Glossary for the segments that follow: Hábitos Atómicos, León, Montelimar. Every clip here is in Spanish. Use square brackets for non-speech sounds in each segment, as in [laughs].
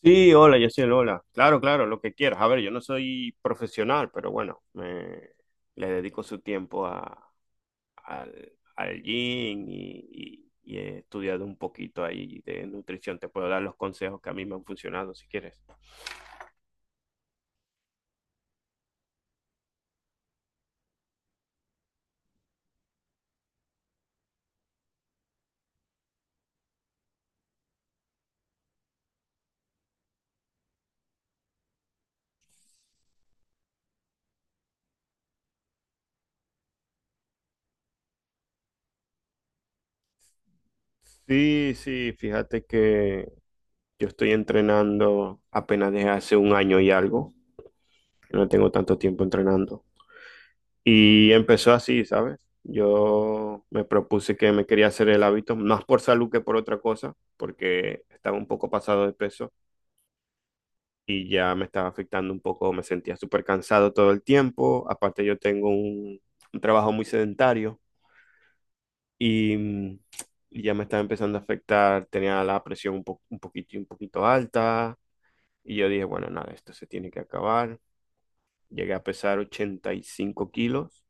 Sí, hola, yo soy el hola. Claro, claro, lo que quieras. A ver, yo no soy profesional, pero bueno, le dedico su tiempo al gym y he estudiado un poquito ahí de nutrición. Te puedo dar los consejos que a mí me han funcionado, si quieres. Sí, sí, fíjate que yo estoy entrenando apenas desde hace un año y algo. No tengo tanto tiempo entrenando. Y empezó así, ¿sabes? Yo me propuse que me quería hacer el hábito, más por salud que por otra cosa, porque estaba un poco pasado de peso y ya me estaba afectando un poco, me sentía súper cansado todo el tiempo, aparte yo tengo un trabajo muy sedentario y, mm, y ya me estaba empezando a afectar, tenía la presión un poquito alta y yo dije, bueno, nada, esto se tiene que acabar. Llegué a pesar 85 kilos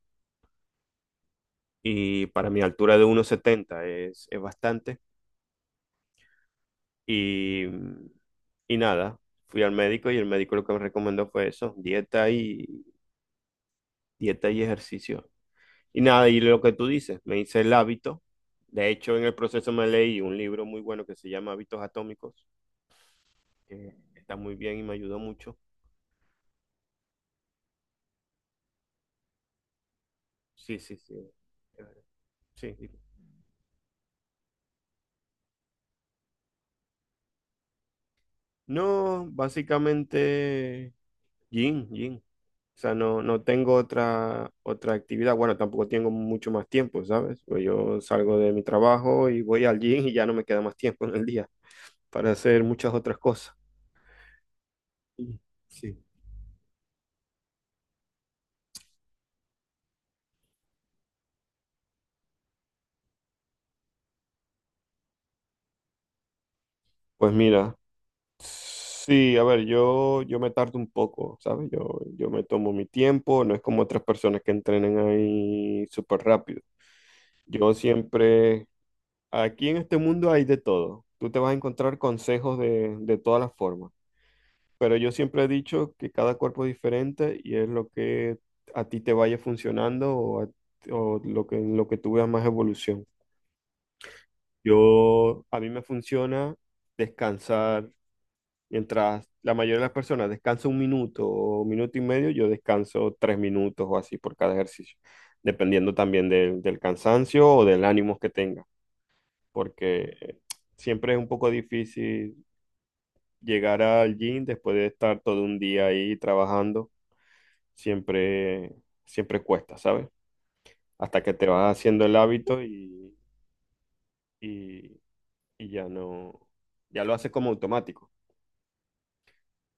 y para mi altura de uno setenta es bastante. Y, y nada, fui al médico y el médico lo que me recomendó fue eso, dieta y ejercicio. Y nada, y lo que tú dices, me hice el hábito. De hecho, en el proceso me leí un libro muy bueno que se llama Hábitos Atómicos, que está muy bien y me ayudó mucho. Sí, sí, sí. Sí, sí. No, básicamente, gym, gym. O sea, no tengo otra actividad. Bueno, tampoco tengo mucho más tiempo, ¿sabes? Pues yo salgo de mi trabajo y voy al gym y ya no me queda más tiempo en el día para hacer muchas otras cosas. Sí. Sí. Pues mira, sí, a ver, yo me tardo un poco, ¿sabes? Yo me tomo mi tiempo, no es como otras personas que entrenan ahí súper rápido. Yo siempre, aquí en este mundo hay de todo. Tú te vas a encontrar consejos de todas las formas. Pero yo siempre he dicho que cada cuerpo es diferente y es lo que a ti te vaya funcionando o en lo que tú veas más evolución. A mí me funciona descansar, mientras la mayoría de las personas descansa un minuto o minuto y medio, yo descanso 3 minutos o así por cada ejercicio, dependiendo también del cansancio o del ánimo que tenga, porque siempre es un poco difícil llegar al gym después de estar todo un día ahí trabajando siempre, siempre cuesta, ¿sabes? Hasta que te vas haciendo el hábito y- y ya no, ya lo haces como automático.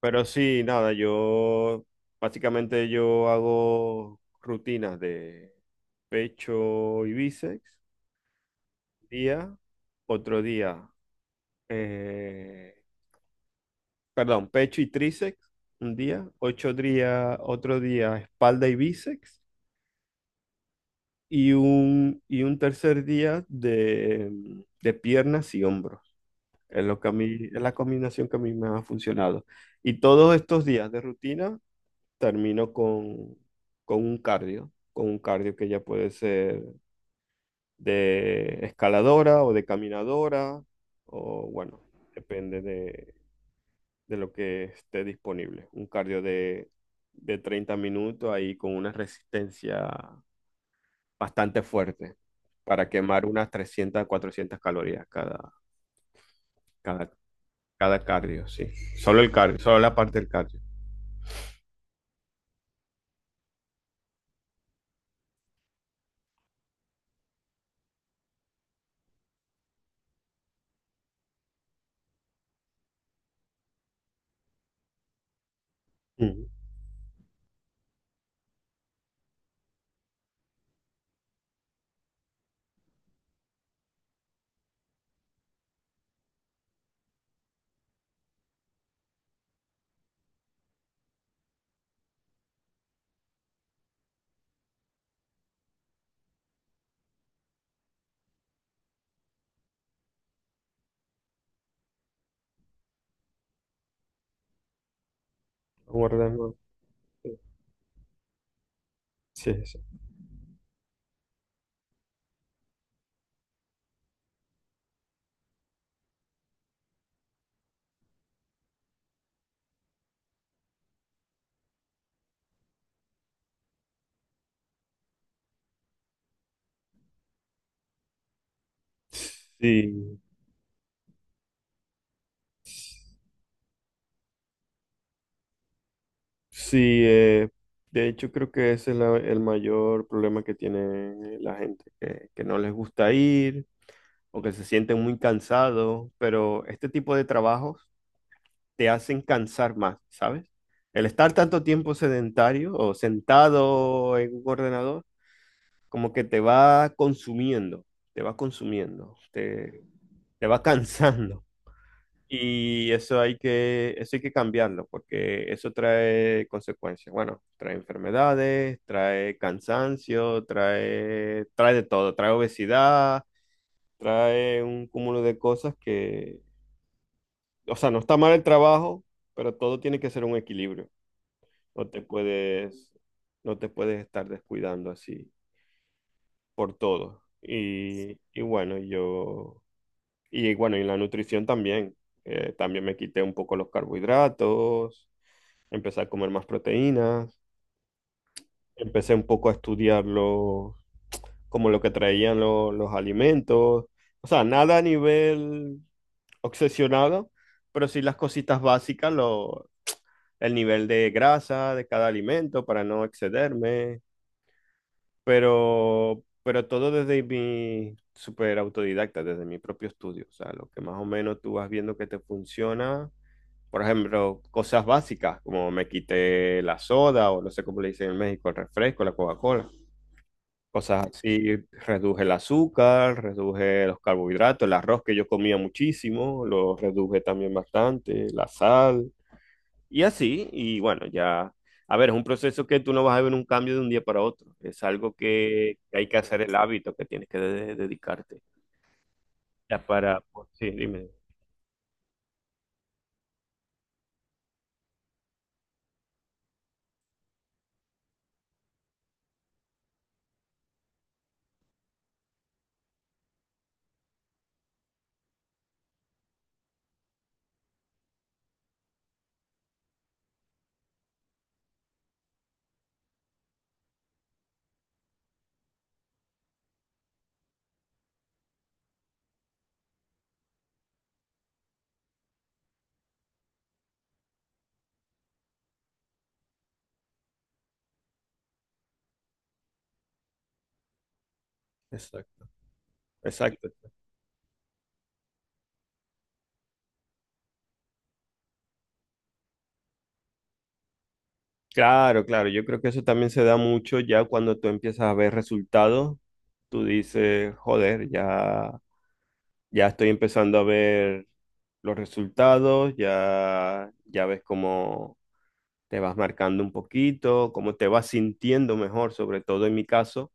Pero sí, nada, yo básicamente yo hago rutinas de pecho y bíceps, día, otro día, eh, perdón, pecho y tríceps, un día, 8 días, otro día, espalda y bíceps. Y un tercer día de piernas y hombros. Es lo que a mí, es la combinación que a mí me ha funcionado. Y todos estos días de rutina termino con un cardio, con un cardio que ya puede ser de escaladora o de caminadora, o bueno, depende de lo que esté disponible. Un cardio de 30 minutos ahí con una resistencia bastante fuerte para quemar unas 300 400 calorías cada, cada cardio, sí. Solo el cardio, solo la parte del cardio. Ujú. Guardando- Sí, sí. Sí, sí, de hecho creo que ese es el mayor problema que tiene la gente, que no les gusta ir o que se sienten muy cansados, pero este tipo de trabajos te hacen cansar más, ¿sabes? El estar tanto tiempo sedentario o sentado en un ordenador como que te va consumiendo, te va consumiendo, te va [laughs] cansando. Y eso hay que cambiarlo, porque eso trae consecuencias. Bueno, trae enfermedades, trae cansancio, trae de todo, trae obesidad, trae un cúmulo de cosas que, o sea, no está mal el trabajo, pero todo tiene que ser un equilibrio. No te puedes, no te puedes estar descuidando así. Por todo. Y bueno, y la nutrición también. También me quité un poco los carbohidratos, empecé a comer más proteínas, empecé un poco a estudiar como lo que traían los alimentos. O sea, nada a nivel obsesionado, pero sí las cositas básicas, el nivel de grasa de cada alimento para no excederme pero todo desde mi super autodidacta, desde mi propio estudio. O sea, lo que más o menos tú vas viendo que te funciona. Por ejemplo, cosas básicas, como me quité la soda, o no sé cómo le dicen en México, el refresco, la Coca-Cola. Cosas así, reduje el azúcar, reduje los carbohidratos, el arroz que yo comía muchísimo, lo reduje también bastante, la sal. Y así, y bueno, ya, a ver, es un proceso que tú no vas a ver un cambio de un día para otro, es algo que hay que hacer el hábito, que tienes que dedicarte. Ya para, pues, sí, dime. Exacto, exacto. Claro, claro, yo creo que eso también se da mucho ya cuando tú empiezas a ver resultados, tú dices, joder, ya estoy empezando a ver los resultados, ya ves cómo te vas marcando un poquito, cómo te vas sintiendo mejor, sobre todo en mi caso.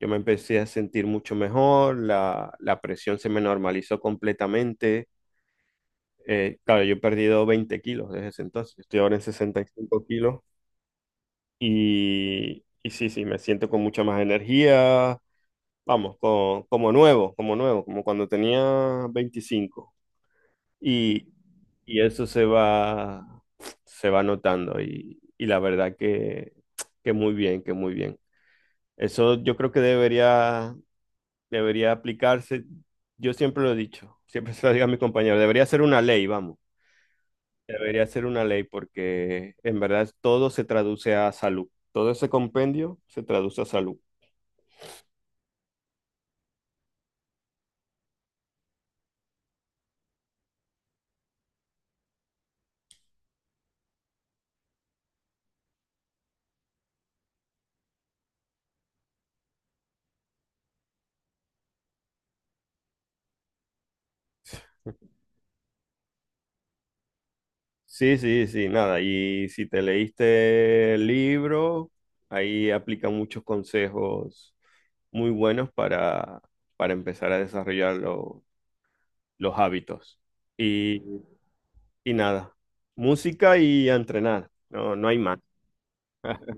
Yo me empecé a sentir mucho mejor, la presión se me normalizó completamente. Claro, yo he perdido 20 kilos desde ese entonces, estoy ahora en 65 kilos y sí, sí, me siento con mucha más energía, vamos, como nuevo, como nuevo, como cuando tenía 25. Y, y eso se va notando y la verdad que muy bien, que muy bien. Eso yo creo que debería aplicarse, yo siempre lo he dicho, siempre se lo digo a mi compañero, debería ser una ley, vamos, debería ser una ley porque en verdad todo se traduce a salud, todo ese compendio se traduce a salud. Sí, sí, sí, nada, y si te leíste el libro, ahí aplica muchos consejos muy buenos para empezar a desarrollar los hábitos. Y, y nada, música y a entrenar, no hay más. [laughs]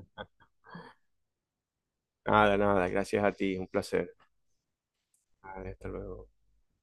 Nada, nada, gracias a ti, un placer. Vale, hasta luego.